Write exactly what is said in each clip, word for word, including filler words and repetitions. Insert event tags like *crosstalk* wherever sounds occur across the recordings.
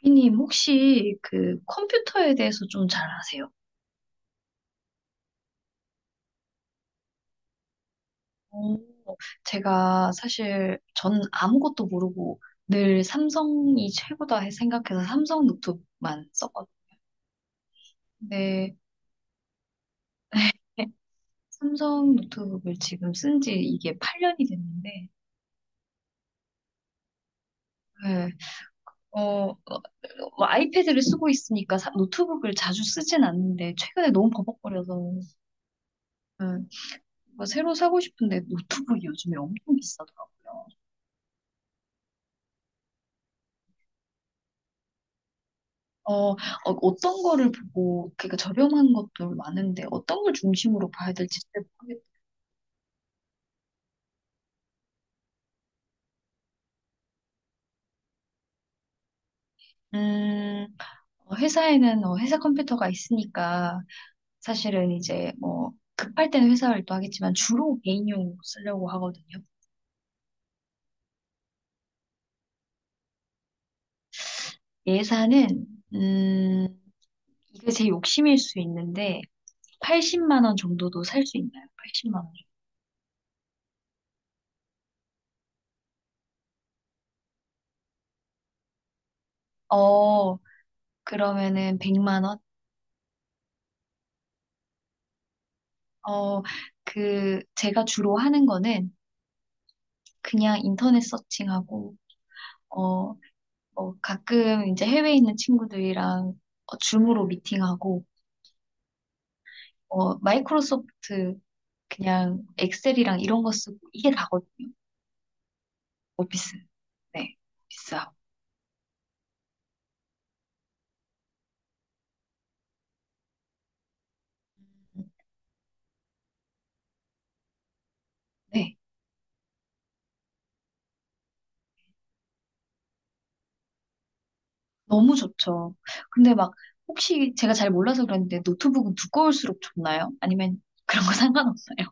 비님, 혹시 그 컴퓨터에 대해서 좀 잘 아세요? 오. 제가 사실 전 아무것도 모르고 늘 삼성이 최고다 해- 생각해서 삼성 노트북만 썼거든요. 근데 네, 삼성 노트북을 지금 쓴지 이게 팔 년이 됐는데, 네, 어, 어, 뭐 아이패드를 쓰고 있으니까 사- 노트북을 자주 쓰진 않는데 최근에 너무 버벅거려서, 네, 뭐 새로 사고 싶은데 노트북이 요즘에 엄청 비싸더라고요. 어, 어, 어떤 거를 보고, 그러니까 저렴한 것도 많은데, 어떤 걸 중심으로 봐야 될지 잘 모르겠어요. 음, 어, 회사에는 어, 회사 컴퓨터가 있으니까, 사실은 이제 뭐, 급할 때는 회사 활동하겠지만, 주로 개인용 쓰려고 하거든요. 예산은, 음, 이게 제 욕심일 수 있는데, 팔십만 원 정도도 살 수 있나요? 팔십만 원. 어, 그러면은 백만 원? 어, 그, 제가 주로 하는 거는 그냥 인터넷 서칭하고, 어, 뭐 가끔 이제 해외에 있는 친구들이랑 어, 줌으로 미팅하고, 어, 마이크로소프트 그냥 엑셀이랑 이런 거 쓰고 이게 다거든요. 오피스. 네. 오피스하고. 네. 너무 좋죠. 근데 막 혹시 제가 잘 몰라서 그런데 노트북은 두꺼울수록 좋나요? 아니면 그런 거 *laughs* 상관없어요?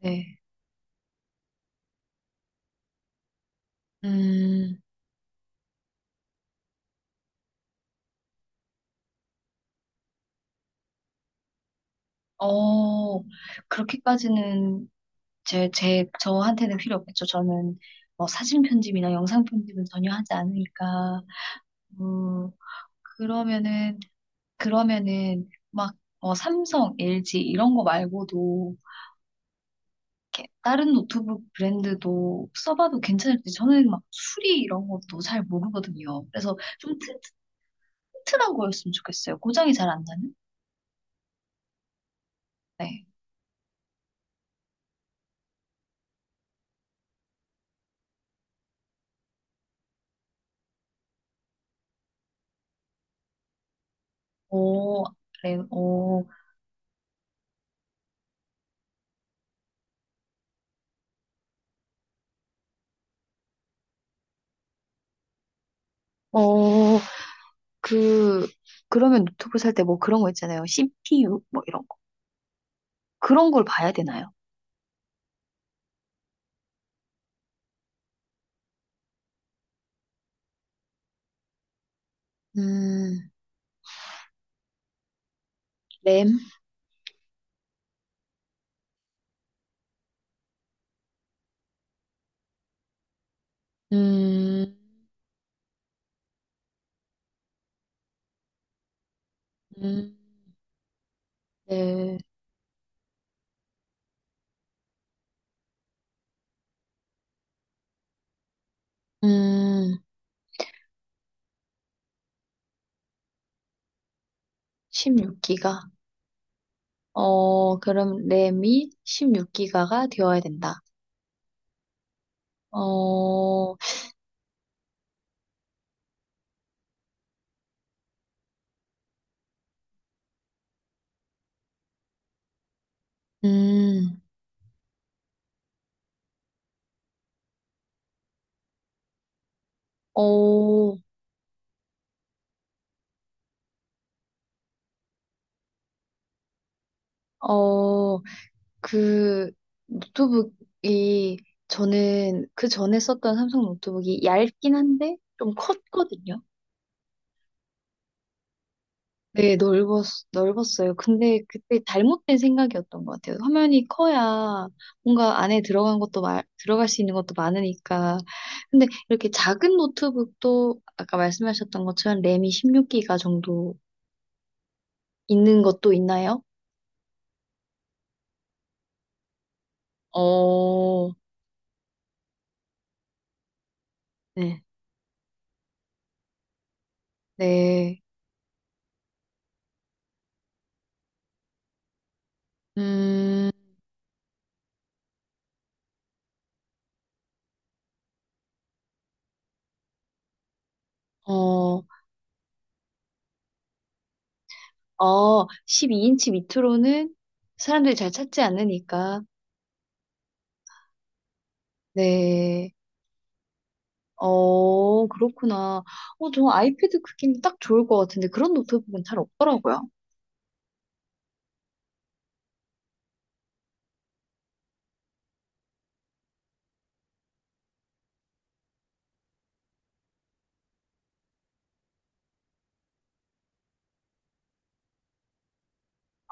네. 음, 어, 그렇게까지는 제, 제, 저한테는 필요 없겠죠. 저는 뭐 사진 편집이나 영상 편집은 전혀 하지 않으니까. 음, 그러면은, 그러면은 막, 어, 삼성, 엘지 이런 거 말고도 이렇게 다른 노트북 브랜드도 써봐도 괜찮을지, 저는 막 수리 이런 것도 잘 모르거든요. 그래서 좀 튼, 튼튼한 거였으면 좋겠어요. 고장이 잘 안 나는? 네. 오, 그래 오. 어, 그, 그러면 노트북 살 때 뭐 그런 거 있잖아요. 씨피유, 뭐 이런 그런 걸 봐야 되나요? 음, 램. 음, 음, 네. 음, 십육 기가. 어, 그럼 램이 십육 기가가 되어야 된다. 어, 음, 어, 어, 그 노트북이, 저는 그 전에 썼던 삼성 노트북이 얇긴 한데 좀 컸거든요. 네, 넓었, 넓었어요. 근데 그때 잘못된 생각이었던 것 같아요. 화면이 커야 뭔가 안에 들어간 것도, 마- 들어갈 수 있는 것도 많으니까. 근데 이렇게 작은 노트북도 아까 말씀하셨던 것처럼 램이 십육 기가 정도 있는 것도 있나요? 어, 네. 네. 음, 어, 어, 십이 인치 밑으로는 사람들이 잘 찾지 않으니까. 네. 어, 그렇구나. 어, 저 아이패드 크기는 딱 좋을 것 같은데 그런 노트북은 잘 없더라고요.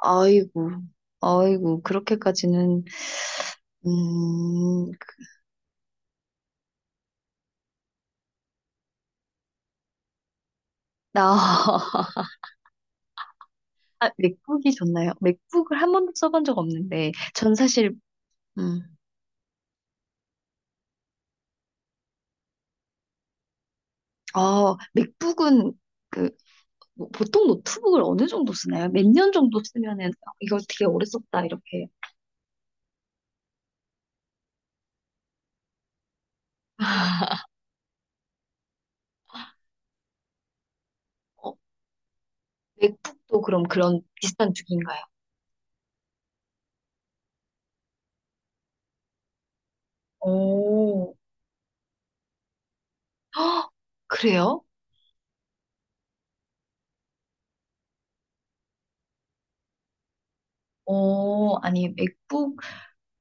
아이고, 아이고, 그렇게까지는. 음, 그- 나. *laughs* 아, 맥북이 좋나요? 맥북을 한 번도 써본 적 없는데 전 사실. 음, 아, 맥북은 그 뭐, 보통 노트북을 어느 정도 쓰나요? 몇 년 정도 쓰면은 어, 이거 되게 오래 썼다 이렇게. 어, 맥북도 그럼 그런 비슷한 주기인가요? 오, *gasps* 그래요? 어, 아니, 맥북,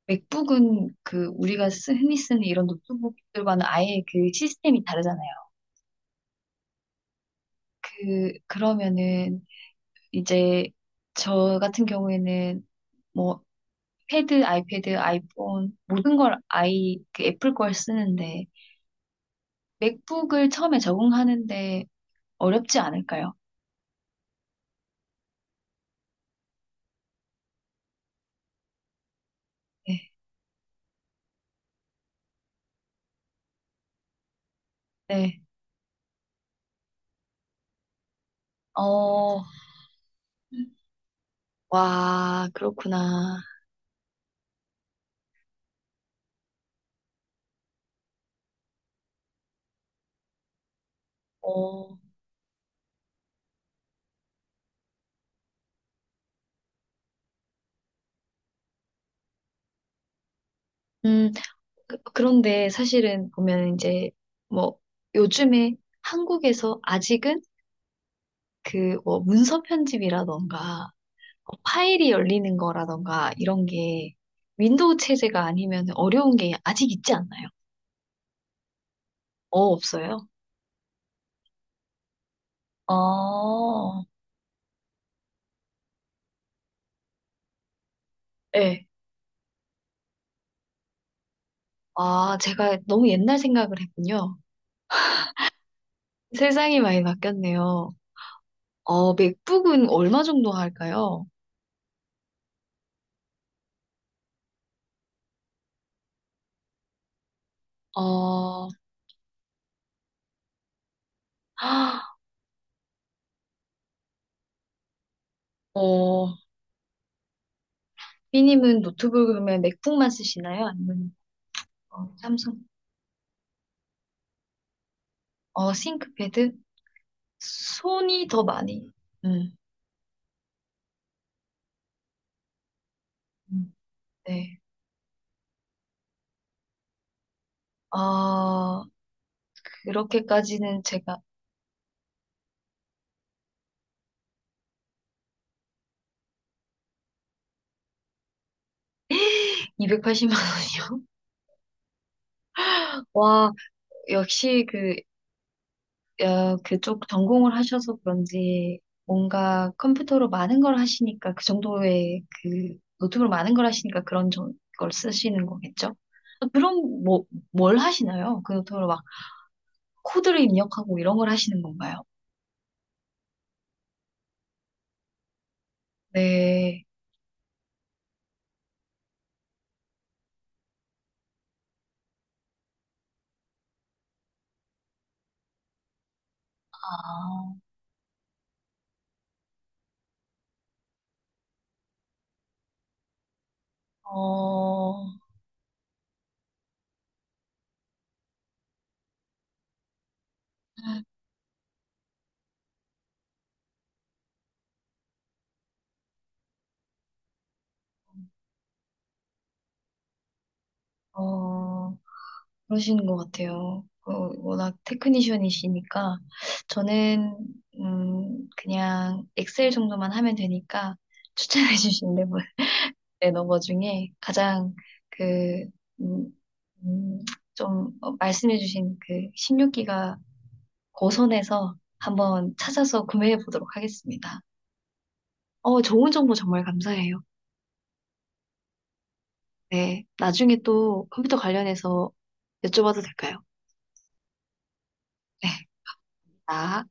맥북은 그, 우리가 쓰, 흔히 쓰는 이런 노트북들과는 아예 그 시스템이 다르잖아요. 그, 그러면은 이제 저 같은 경우에는 뭐, 패드, 아이패드, 아이폰, 모든 걸 아이, 그 애플 걸 쓰는데, 맥북을 처음에 적응하는데 어렵지 않을까요? 네, 네. 어, 와, 그렇구나. 어, 음. 그- 그런데 사실은 보면 이제 뭐 요즘에 한국에서 아직은 그 뭐 문서 편집이라던가 어, 파일이 열리는 거라던가 이런 게, 윈도우 체제가 아니면 어려운 게 아직 있지 않나요? 어, 없어요? 어, 네. 아, 제가 너무 옛날 생각을 했군요. 세상이 많이 바뀌었네요. 어, 맥북은 얼마 정도 할까요? 어, 아, 어, 삐님은 노트북 그러면 맥북만 쓰시나요? 아니면 어, 삼성. 어, 싱크패드? 손이 더 많이. 음, 음, 네. 아, 그렇게까지는 제가. 이백팔십만 원이요? *laughs* 와, 역시 그, 어, 그쪽 전공을 하셔서 그런지 뭔가 컴퓨터로 많은 걸 하시니까, 그 정도의 그 노트북으로 많은 걸 하시니까 그런 저- 걸 쓰시는 거겠죠? 아, 그럼 뭐, 뭘 하시나요? 그 노트북으로 막 코드를 입력하고 이런 걸 하시는 건가요? 네. 아, 어, 어, 그러시는 것 같아요. 어, 워낙 테크니션이시니까. 저는 음, 그냥 엑셀 정도만 하면 되니까 추천해 주신 레버, 레너버 중에 가장 그, 음, 음, 좀 어, 말씀해 주신 그 십육 기가 고선에서 한번 찾아서 구매해 보도록 하겠습니다. 어, 좋은 정보 정말 감사해요. 네, 나중에 또 컴퓨터 관련해서 여쭤봐도 될까요? 네. 아.